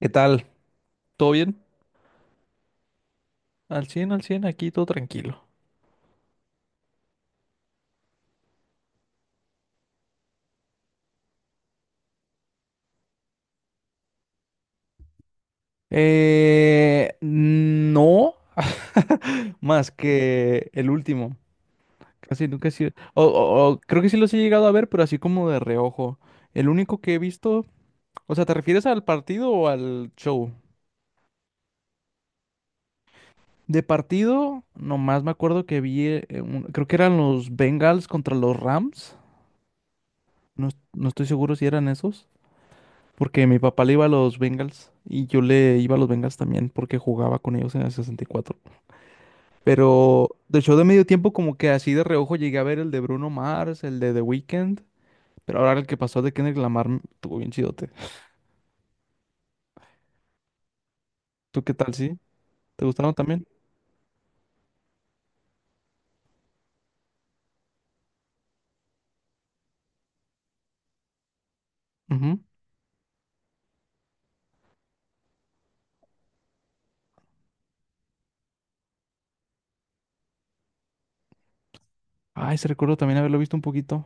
¿Qué tal? ¿Todo bien? Al 100, al 100. Aquí todo tranquilo. No, más que el último. Casi nunca he sido. O creo que sí los he llegado a ver, pero así como de reojo. El único que he visto. O sea, ¿te refieres al partido o al show? De partido, nomás me acuerdo que vi. Creo que eran los Bengals contra los Rams. No, no estoy seguro si eran esos. Porque mi papá le iba a los Bengals y yo le iba a los Bengals también porque jugaba con ellos en el 64. Pero del show de medio tiempo como que así de reojo llegué a ver el de Bruno Mars, el de The Weeknd, pero ahora el que pasó de Kendrick Lamar, estuvo bien chidote. ¿Tú qué tal, sí? ¿Te gustaron también? Ujú. Ay, se recuerdo también haberlo visto un poquito.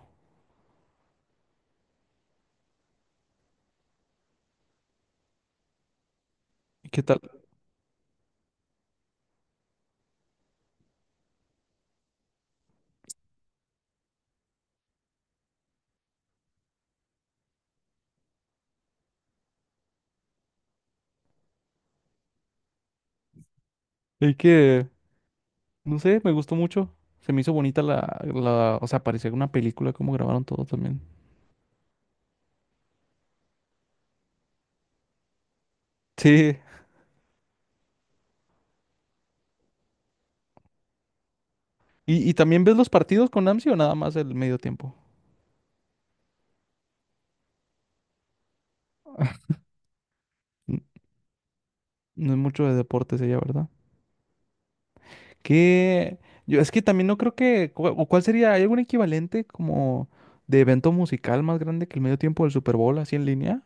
¿Y qué tal? Es que, no sé, me gustó mucho. Se me hizo bonita la, o sea, parecía una película como grabaron todo también. Sí. ¿Y también ves los partidos con AMSI o nada más el medio tiempo? No es mucho de deportes ella, ¿verdad? Que yo es que también no creo que o cuál sería. ¿Hay algún equivalente como de evento musical más grande que el medio tiempo del Super Bowl así en línea?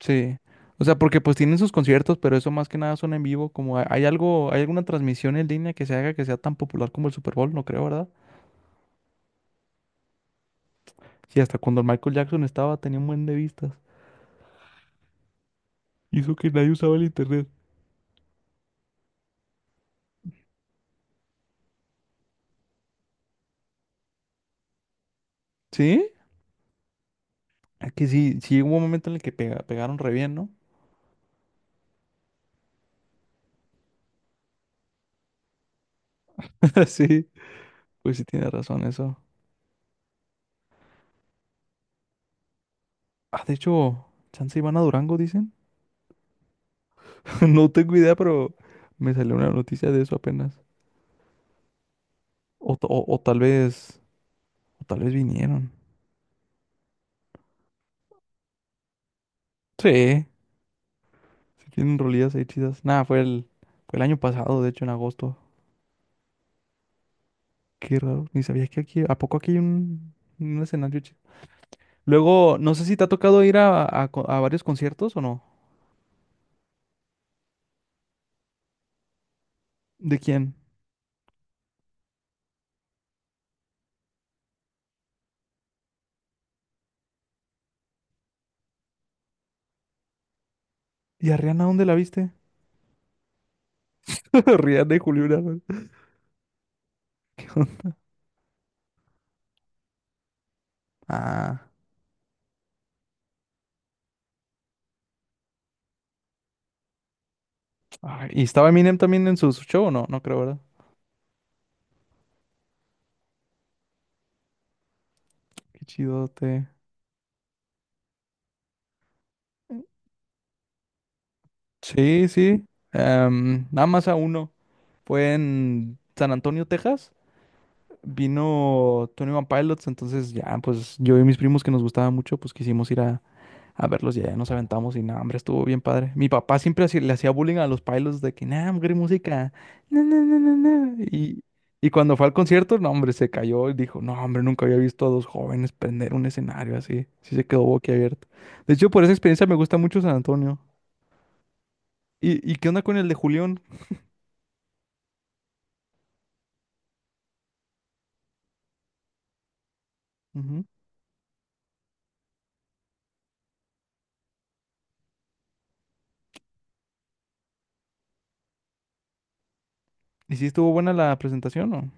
Sí. O sea, porque pues tienen sus conciertos, pero eso más que nada son en vivo, como hay algo, hay alguna transmisión en línea que se haga que sea tan popular como el Super Bowl, no creo, ¿verdad? Sí, hasta cuando el Michael Jackson estaba tenía un buen de vistas. Hizo que nadie usaba el internet. ¿Sí? Es que sí, sí hubo un momento en el que pegaron re bien, ¿no? Sí, pues sí tiene razón eso. Ah, de hecho, chance iban a Durango, dicen. No tengo idea, pero me salió una noticia de eso apenas. O, ta- o- o tal vez, o tal vez vinieron. Sí, sí tienen rolillas ahí chidas. Nada, fue el año pasado, de hecho, en agosto. Qué raro, ni sabía que aquí, ¿a poco aquí hay un escenario chido? Luego, no sé si te ha tocado ir a varios conciertos o no. ¿De quién? ¿Y a Rihanna dónde la viste? Rihanna y Julio Bravo. Ah, ay, ¿y estaba Eminem también en su show o no? No creo, ¿verdad? Qué chidote. Sí, sí. Nada más a uno. Fue en San Antonio, Texas. Vino Tony One Pilots, entonces ya, pues yo y mis primos que nos gustaba mucho, pues quisimos ir a verlos y ya nos aventamos y nada, hombre, estuvo bien padre. Mi papá siempre le hacía bullying a los Pilots de que, nah, hombre, música. No, no, no, no, no". Y cuando fue al concierto, no, hombre, se cayó y dijo, no, hombre, nunca había visto a dos jóvenes prender un escenario así. Sí se quedó boquiabierto. De hecho, por esa experiencia me gusta mucho San Antonio. ¿Y qué onda con el de Julián? ¿Y si estuvo buena la presentación o?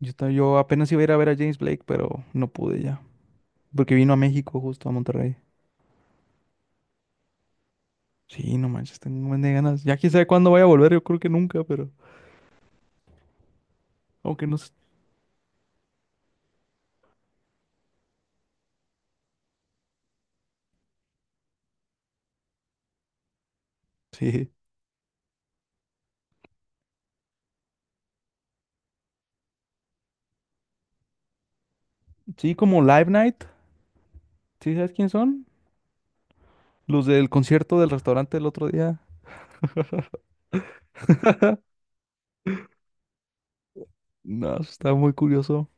Yo, yo apenas iba a ir a ver a James Blake, pero no pude ya. Porque vino a México, justo a Monterrey. Sí, no manches, tengo un buen de ganas. Ya quién sabe cuándo vaya a volver, yo creo que nunca, pero. Aunque no sé. Sí. Sí, como Live Night. ¿Sí sabes quién son? Los del concierto del restaurante del otro día. No, eso está muy curioso.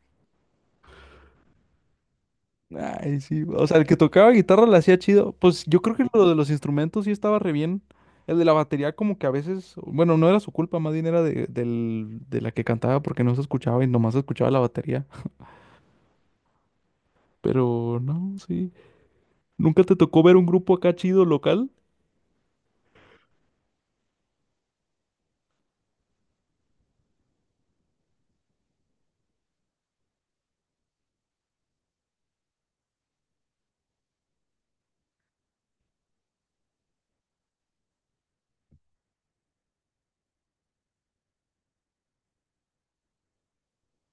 Ay, sí. O sea, el que tocaba guitarra la hacía chido. Pues yo creo que lo de los instrumentos sí estaba re bien. El de la batería como que a veces, bueno, no era su culpa, más bien era de, de la que cantaba porque no se escuchaba y nomás se escuchaba la batería. Pero no, sí. ¿Nunca te tocó ver un grupo acá chido local?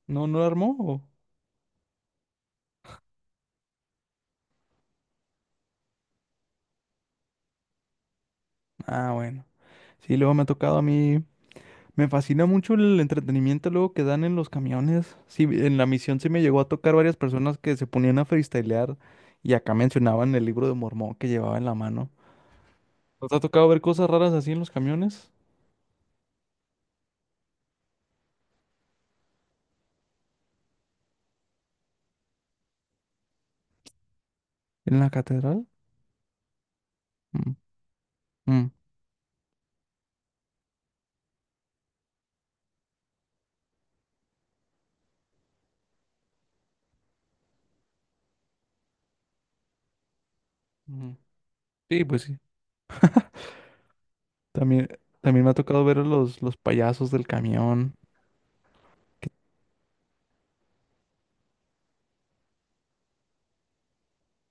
¿No, no lo armó? O? Ah, bueno. Sí, luego me ha tocado a mí. Me fascina mucho el entretenimiento luego que dan en los camiones. Sí, en la misión sí me llegó a tocar varias personas que se ponían a freestylear y acá mencionaban el libro de Mormón que llevaba en la mano. ¿Nos ha tocado ver cosas raras así en los camiones? ¿En la catedral? Mm, mm, ujú. Sí, pues sí. También, también me ha tocado ver a los payasos del camión. Que-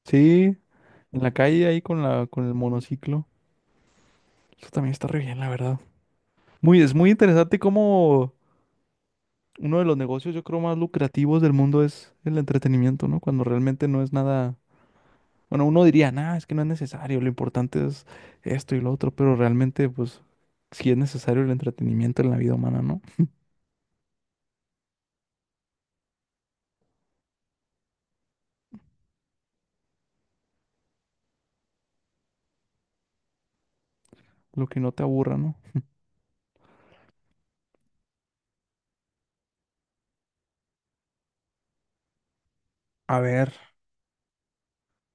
sí, en la calle ahí con con el monociclo. Eso también está re bien, la verdad. Muy, es muy interesante cómo uno de los negocios, yo creo, más lucrativos del mundo es el entretenimiento, ¿no? Cuando realmente no es nada, bueno, uno diría, nada, es que no es necesario, lo importante es esto y lo otro, pero realmente, pues, sí es necesario el entretenimiento en la vida humana, ¿no? Lo que no te aburra, ¿no? A ver,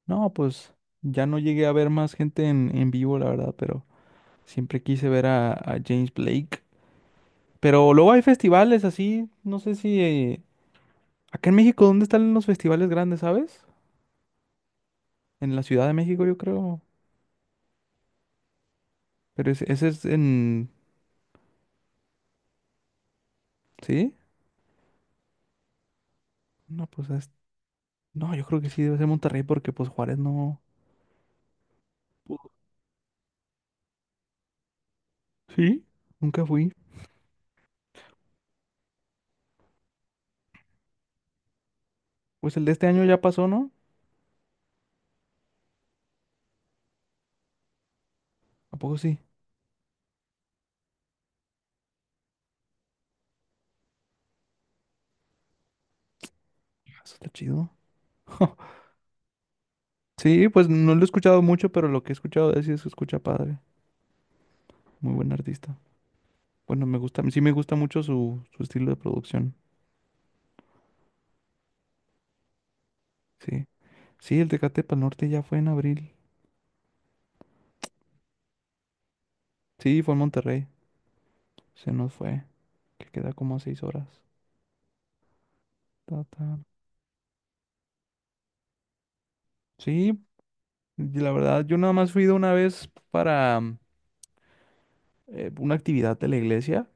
no, pues, ya no llegué a ver más gente en vivo, la verdad, pero siempre quise ver a James Blake. Pero luego hay festivales así, no sé si... Eh, acá en México, ¿dónde están los festivales grandes, sabes? En la Ciudad de México, yo creo. Pero ese es en... ¿Sí? No, pues es- No, yo creo que sí debe ser Monterrey porque pues Juárez no... pudo. ¿Sí? Nunca fui. Pues el de este año ya pasó, ¿no? ¿A poco sí? Ah, eso está chido. Sí, pues no lo he escuchado mucho, pero lo que he escuchado de él sí se escucha padre. Muy buen artista. Bueno, me gusta, sí me gusta mucho su estilo de producción. Sí. Sí, el Tecate Pa'l Norte ya fue en abril. Sí, fue en Monterrey. Se nos fue. Que queda como a 6 horas. Ta, ta. Sí, y la verdad, yo nada más fui de una vez para una actividad de la iglesia,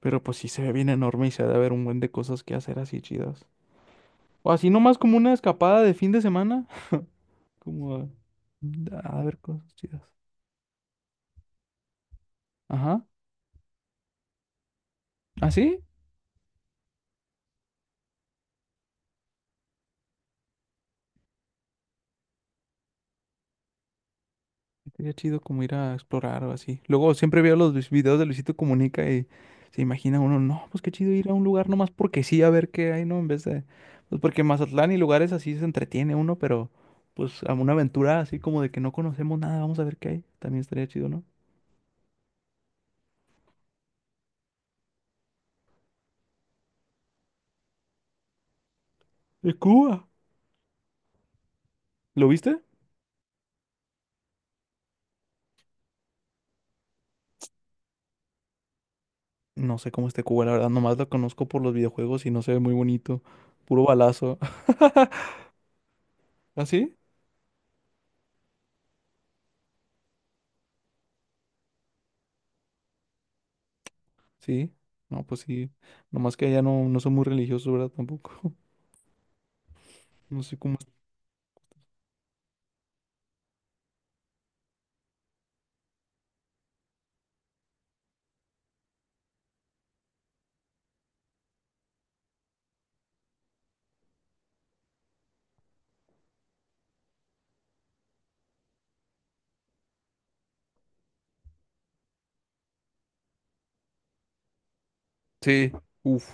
pero pues sí se ve bien enorme y se ha de haber un buen de cosas que hacer así chidas. O así nomás como una escapada de fin de semana, como a ver cosas chidas. Ajá. ¿Así? Sería chido como ir a explorar o así. Luego siempre veo los videos de Luisito Comunica y se imagina uno, no, pues qué chido ir a un lugar nomás porque sí, a ver qué hay, ¿no? En vez de, pues porque en Mazatlán y lugares así se entretiene uno, pero pues a una aventura así como de que no conocemos nada, vamos a ver qué hay. También estaría chido, ¿no? ¡Es Cuba! ¿Lo viste? No sé cómo esté Cuba, la verdad, nomás lo conozco por los videojuegos y no se ve muy bonito. Puro balazo. ¿Ah, sí? Sí. No, pues sí. Nomás que allá no, no son muy religiosos, ¿verdad? Tampoco. No sé cómo. Sí, uf,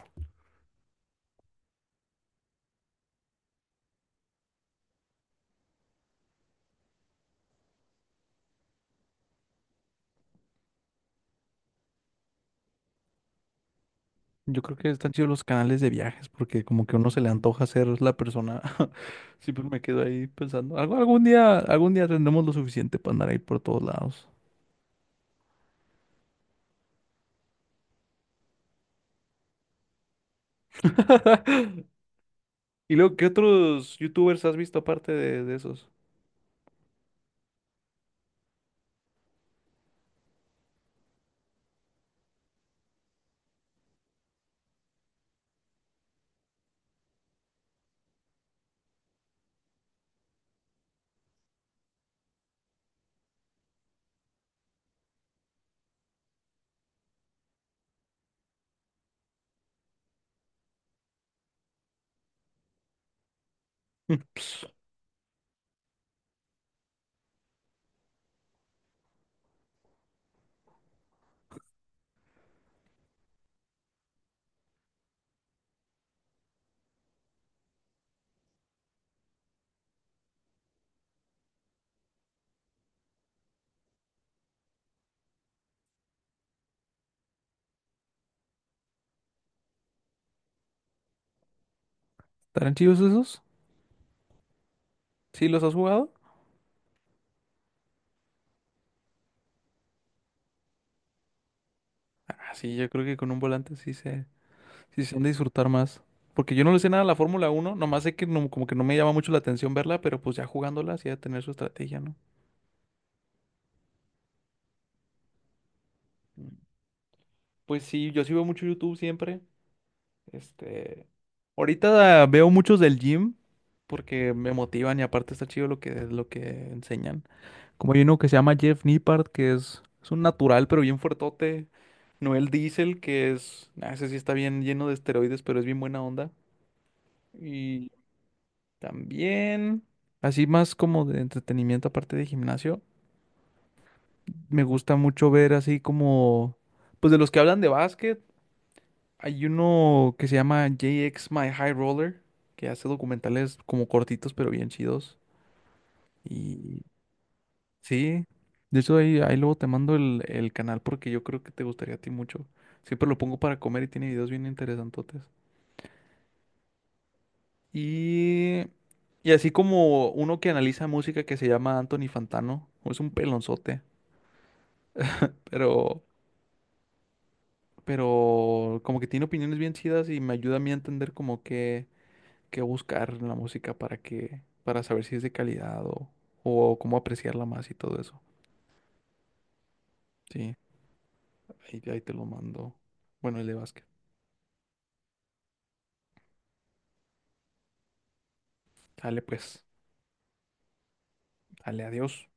yo creo que están chidos los canales de viajes porque como que a uno se le antoja ser la persona. Siempre me quedo ahí pensando, algo- algún día tendremos lo suficiente para andar ahí por todos lados. ¿Y luego qué otros youtubers has visto aparte de esos? Hmm. ¿Estarán chidos esos? ¿Sí los has jugado? Ah, sí, yo creo que con un volante sí se han de disfrutar más. Porque yo no le sé nada a la Fórmula 1, nomás sé que no- como que no me llama mucho la atención verla, pero pues ya jugándola sí ha de tener su estrategia, ¿no? Mm. Pues sí, yo sí veo mucho YouTube siempre. Este, ahorita veo muchos del gym porque me motivan y aparte está chido lo que enseñan. Como hay uno que se llama Jeff Nippard, que es un natural pero bien fuertote. Noel Diesel, que es, ah, ese sí está bien lleno de esteroides, pero es bien buena onda. Y también, así más como de entretenimiento aparte de gimnasio, me gusta mucho ver así como, pues de los que hablan de básquet. Hay uno que se llama JX My High Roller, que hace documentales como cortitos pero bien chidos. Y sí, de hecho ahí luego te mando el canal porque yo creo que te gustaría a ti mucho. Siempre lo pongo para comer y tiene videos bien interesantotes. Y, y así como uno que analiza música que se llama Anthony Fantano, es un pelonzote, pero, pero como que tiene opiniones bien chidas y me ayuda a mí a entender como que qué buscar en la música para que, para saber si es de calidad o cómo apreciarla más y todo eso. Sí, ahí te lo mando. Bueno, el de básquet. Dale pues, dale, adiós.